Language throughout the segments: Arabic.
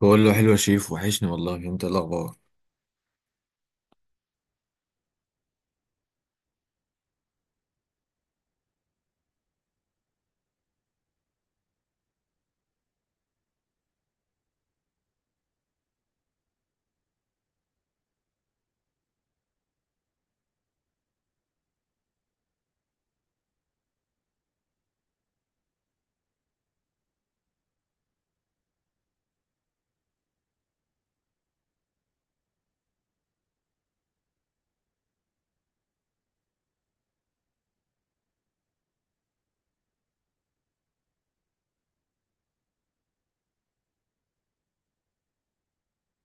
بقول له حلو يا شيف، وحشني والله. انت ايه الاخبار؟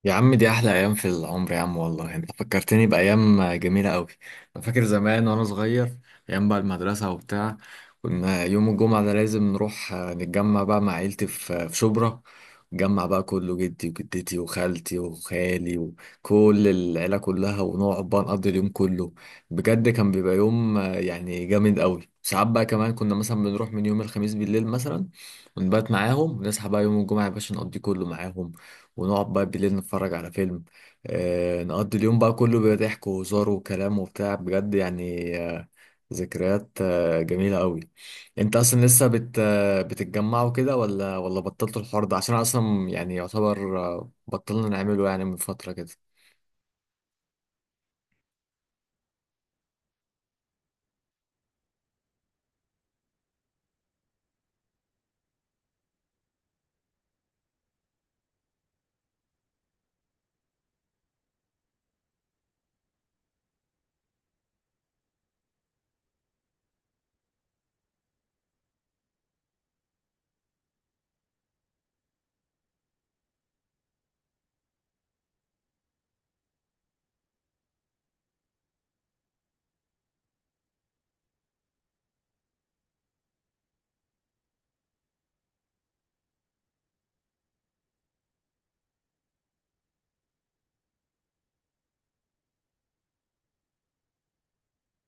يا عم دي أحلى أيام في العمر يا عم، والله أنت فكرتني بأيام جميلة أوي. أنا فاكر زمان وأنا صغير، أيام بقى المدرسة وبتاع. كنا يوم الجمعة ده لازم نروح نتجمع بقى مع عيلتي في في شبرا. نتجمع بقى كله، جدي وجدتي وخالتي وخالي وكل العيلة كلها، ونقعد بقى نقضي اليوم كله. بجد كان بيبقى يوم يعني جامد أوي. ساعات بقى كمان كنا مثلا بنروح من يوم الخميس بالليل مثلا، ونبات معاهم، ونصحى بقى يوم الجمعة يا باشا نقضي كله معاهم، ونقعد بقى بالليل نتفرج على فيلم. آه، نقضي اليوم بقى كله بضحك وهزار وكلام وبتاع، بجد يعني آه، ذكريات آه جميلة قوي. انت اصلا لسه بت آه، بتتجمعوا كده ولا بطلتوا الحوار ده؟ عشان أنا اصلا يعني يعتبر بطلنا نعمله يعني من فترة كده.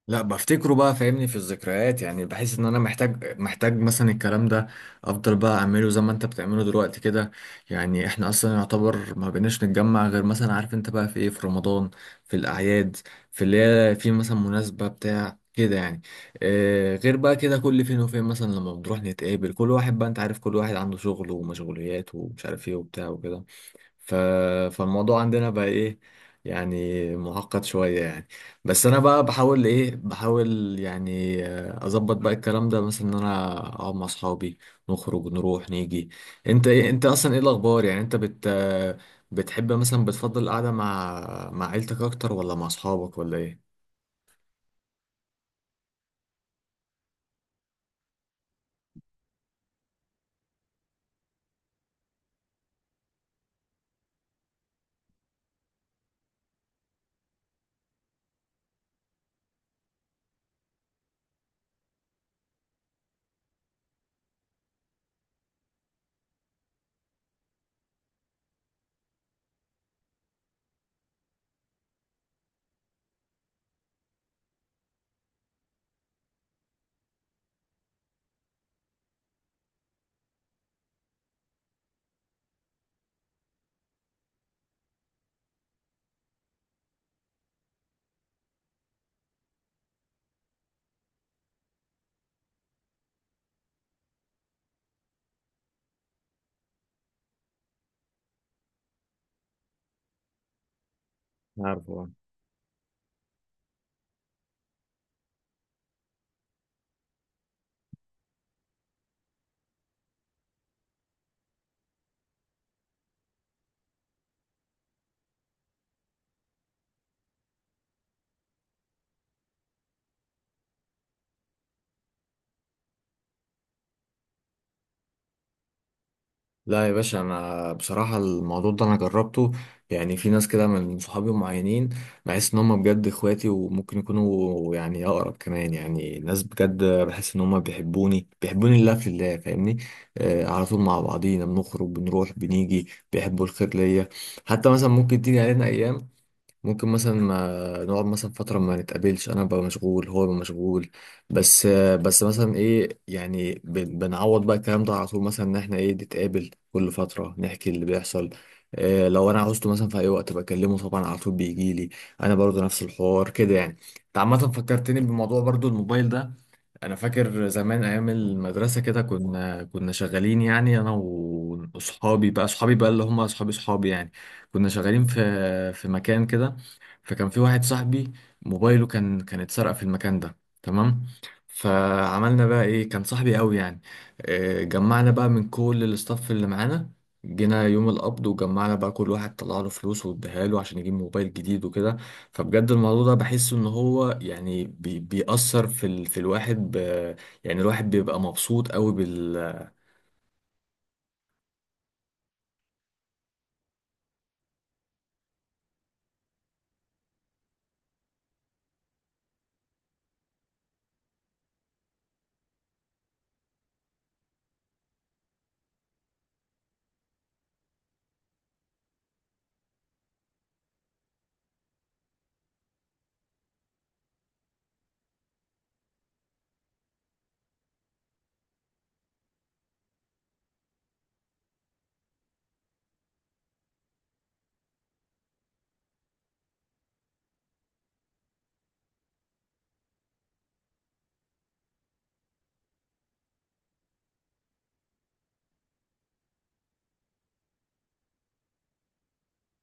لا، بفتكره بقى فاهمني في الذكريات. يعني بحس ان انا محتاج مثلا الكلام ده، افضل بقى اعمله زي ما انت بتعمله دلوقتي كده. يعني احنا اصلا يعتبر ما بقيناش نتجمع غير مثلا، عارف انت بقى في ايه، في رمضان، في الاعياد، في اللي هي في مثلا مناسبة بتاع كده يعني. آه، غير بقى كده كل فين وفين مثلا لما بنروح نتقابل. كل واحد بقى انت عارف، كل واحد عنده شغل ومشغوليات ومش عارف ايه وبتاع وكده. ف... فالموضوع عندنا بقى ايه يعني، معقد شوية يعني. بس انا بقى بحاول ايه، بحاول يعني اظبط بقى الكلام ده، مثلا ان انا اقعد مع اصحابي، نخرج نروح نيجي. انت ايه، انت اصلا ايه الاخبار يعني؟ انت بت آه، بتحب مثلا بتفضل القعدة مع عيلتك اكتر، ولا مع اصحابك، ولا ايه؟ عارف. لا يا باشا، انا بصراحه الموضوع ده انا جربته. يعني في ناس كده من صحابي معينين بحس ان هم بجد اخواتي، وممكن يكونوا يعني اقرب كمان. يعني ناس بجد بحس ان هم بيحبوني، بيحبوني لله في الله، فاهمني. آه، على طول مع بعضينا بنخرج بنروح بنيجي، بيحبوا الخير ليا. حتى مثلا ممكن تيجي علينا ايام، ممكن مثلا ما نقعد مثلا فترة ما نتقابلش، أنا ببقى مشغول هو بيبقى مشغول. بس بس مثلا إيه، يعني بنعوض بقى الكلام ده على طول، مثلا إن إحنا إيه، نتقابل كل فترة نحكي اللي بيحصل. إيه، لو أنا عاوزته مثلا في أي وقت بكلمه، طبعا على طول بيجيلي. أنا برضو نفس الحوار كده يعني. أنت عامة فكرتني بموضوع برضو الموبايل ده. أنا فاكر زمان أيام المدرسة كده، كنا شغالين يعني أنا وأصحابي بقى، أصحابي بقى اللي هم أصحابي أصحابي يعني. كنا شغالين في مكان كده، فكان في واحد صاحبي موبايله كان اتسرق في المكان ده. تمام. فعملنا بقى ايه، كان صاحبي قوي يعني. جمعنا بقى من كل الاستاف اللي معانا، جينا يوم القبض وجمعنا بقى، كل واحد طلع له فلوس واداها له عشان يجيب موبايل جديد وكده. فبجد الموضوع ده بحس ان هو يعني بي بيأثر في ال في الواحد ب، يعني الواحد بيبقى مبسوط قوي.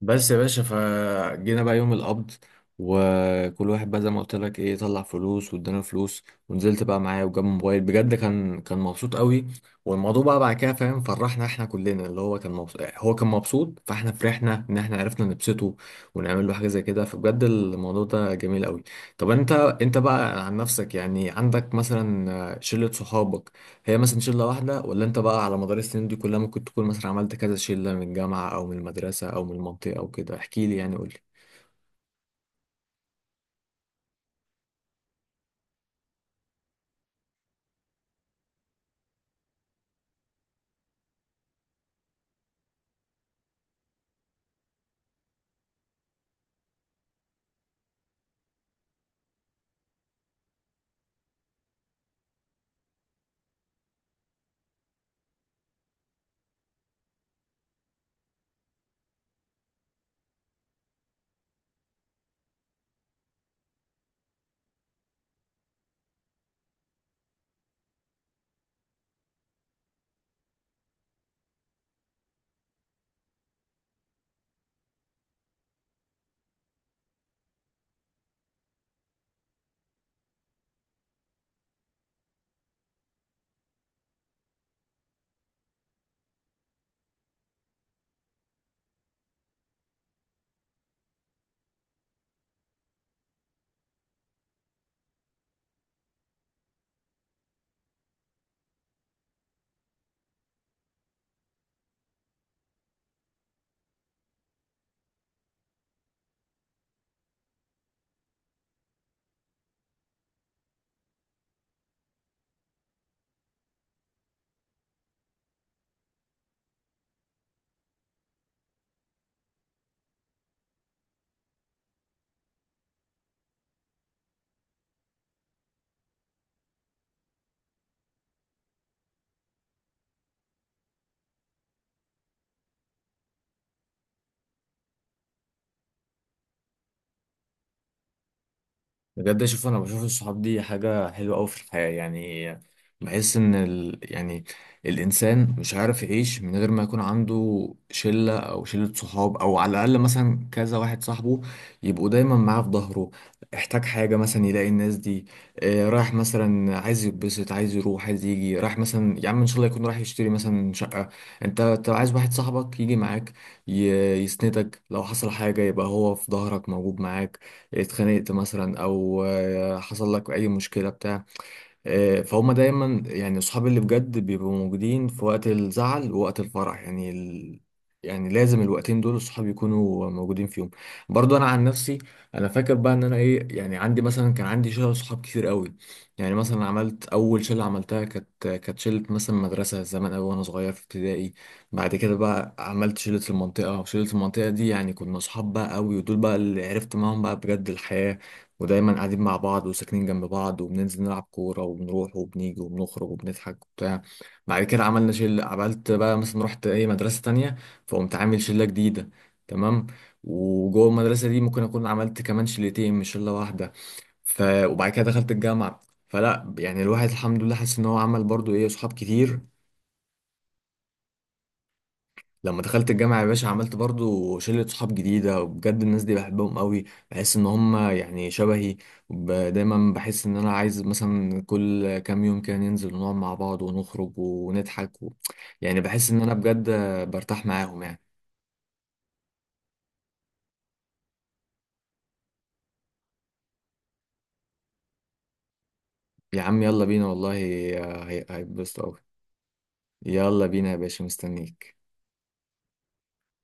بس يا باشا، فجينا بقى يوم القبض، وكل واحد بقى زي ما قلت لك ايه طلع فلوس وادانا فلوس، ونزلت بقى معايا وجاب موبايل بجد، كان مبسوط قوي. والموضوع بقى بعد كده فاهم، فرحنا احنا كلنا اللي هو كان مبسوط، هو كان مبسوط فاحنا فرحنا ان احنا عرفنا نبسطه ونعمل له حاجه زي كده. فبجد الموضوع ده جميل قوي. طب انت بقى عن نفسك، يعني عندك مثلا شله صحابك، هي مثلا شلة واحدة، ولا انت بقى على مدار السنين دي كلها ممكن تكون مثلا عملت كذا شلة، من الجامعة او من المدرسة او من المنطقة او كده؟ احكي لي يعني، قول. بجد اشوف، انا بشوف الصحاب دي حاجة حلوة قوي في الحياة يعني. بحس ان ال... يعني الانسان مش عارف يعيش من غير ما يكون عنده شلة، او شلة صحاب، او على الاقل مثلا كذا واحد صاحبه يبقوا دايما معاه في ظهره. احتاج حاجة مثلا يلاقي الناس دي. آه، رايح مثلا عايز يتبسط، عايز يروح عايز يجي، رايح مثلا يا عم ان شاء الله يكون رايح يشتري مثلا شقة، انت عايز واحد صاحبك يجي معاك، ي... يسندك. لو حصل حاجة يبقى هو في ظهرك موجود معاك. اتخانقت مثلا، او حصل لك اي مشكله بتاع. فهم دايما يعني اصحابي اللي بجد بيبقوا موجودين في وقت الزعل ووقت الفرح. يعني ال... يعني لازم الوقتين دول الصحاب يكونوا موجودين فيهم. برضو انا عن نفسي، انا فاكر بقى ان انا ايه، يعني عندي مثلا، كان عندي شله صحاب كتير قوي. يعني مثلا عملت اول شله عملتها، كانت شله مثلا مدرسه زمان قوي وانا صغير في ابتدائي. بعد كده بقى عملت شله المنطقه، وشله المنطقه دي يعني كنا صحاب بقى قوي، ودول بقى اللي عرفت معاهم بقى بجد الحياه. ودايما قاعدين مع بعض وساكنين جنب بعض، وبننزل نلعب كورة، وبنروح وبنيجي وبنخرج وبنضحك وبتاع. بعد كده عملنا شلة، عملت بقى مثلا رحت ايه مدرسة تانية، فقمت عامل شلة جديدة. تمام. وجوه المدرسة دي ممكن أكون عملت كمان شلتين، مش شلة واحدة. ف... وبعد كده دخلت الجامعة. فلا يعني الواحد الحمد لله حاسس إن هو عمل برضو إيه، صحاب كتير. لما دخلت الجامعة يا باشا عملت برضو شلة صحاب جديدة، وبجد الناس دي بحبهم قوي. بحس ان هم يعني شبهي، وب- دايما بحس ان انا عايز مثلا كل كام يوم كده ننزل ونقعد مع بعض ونخرج ونضحك و... يعني بحس ان انا بجد برتاح معاهم يعني. يا عم يلا بينا والله، هيتبسطوا قوي. يلا بينا يا باشا، مستنيك.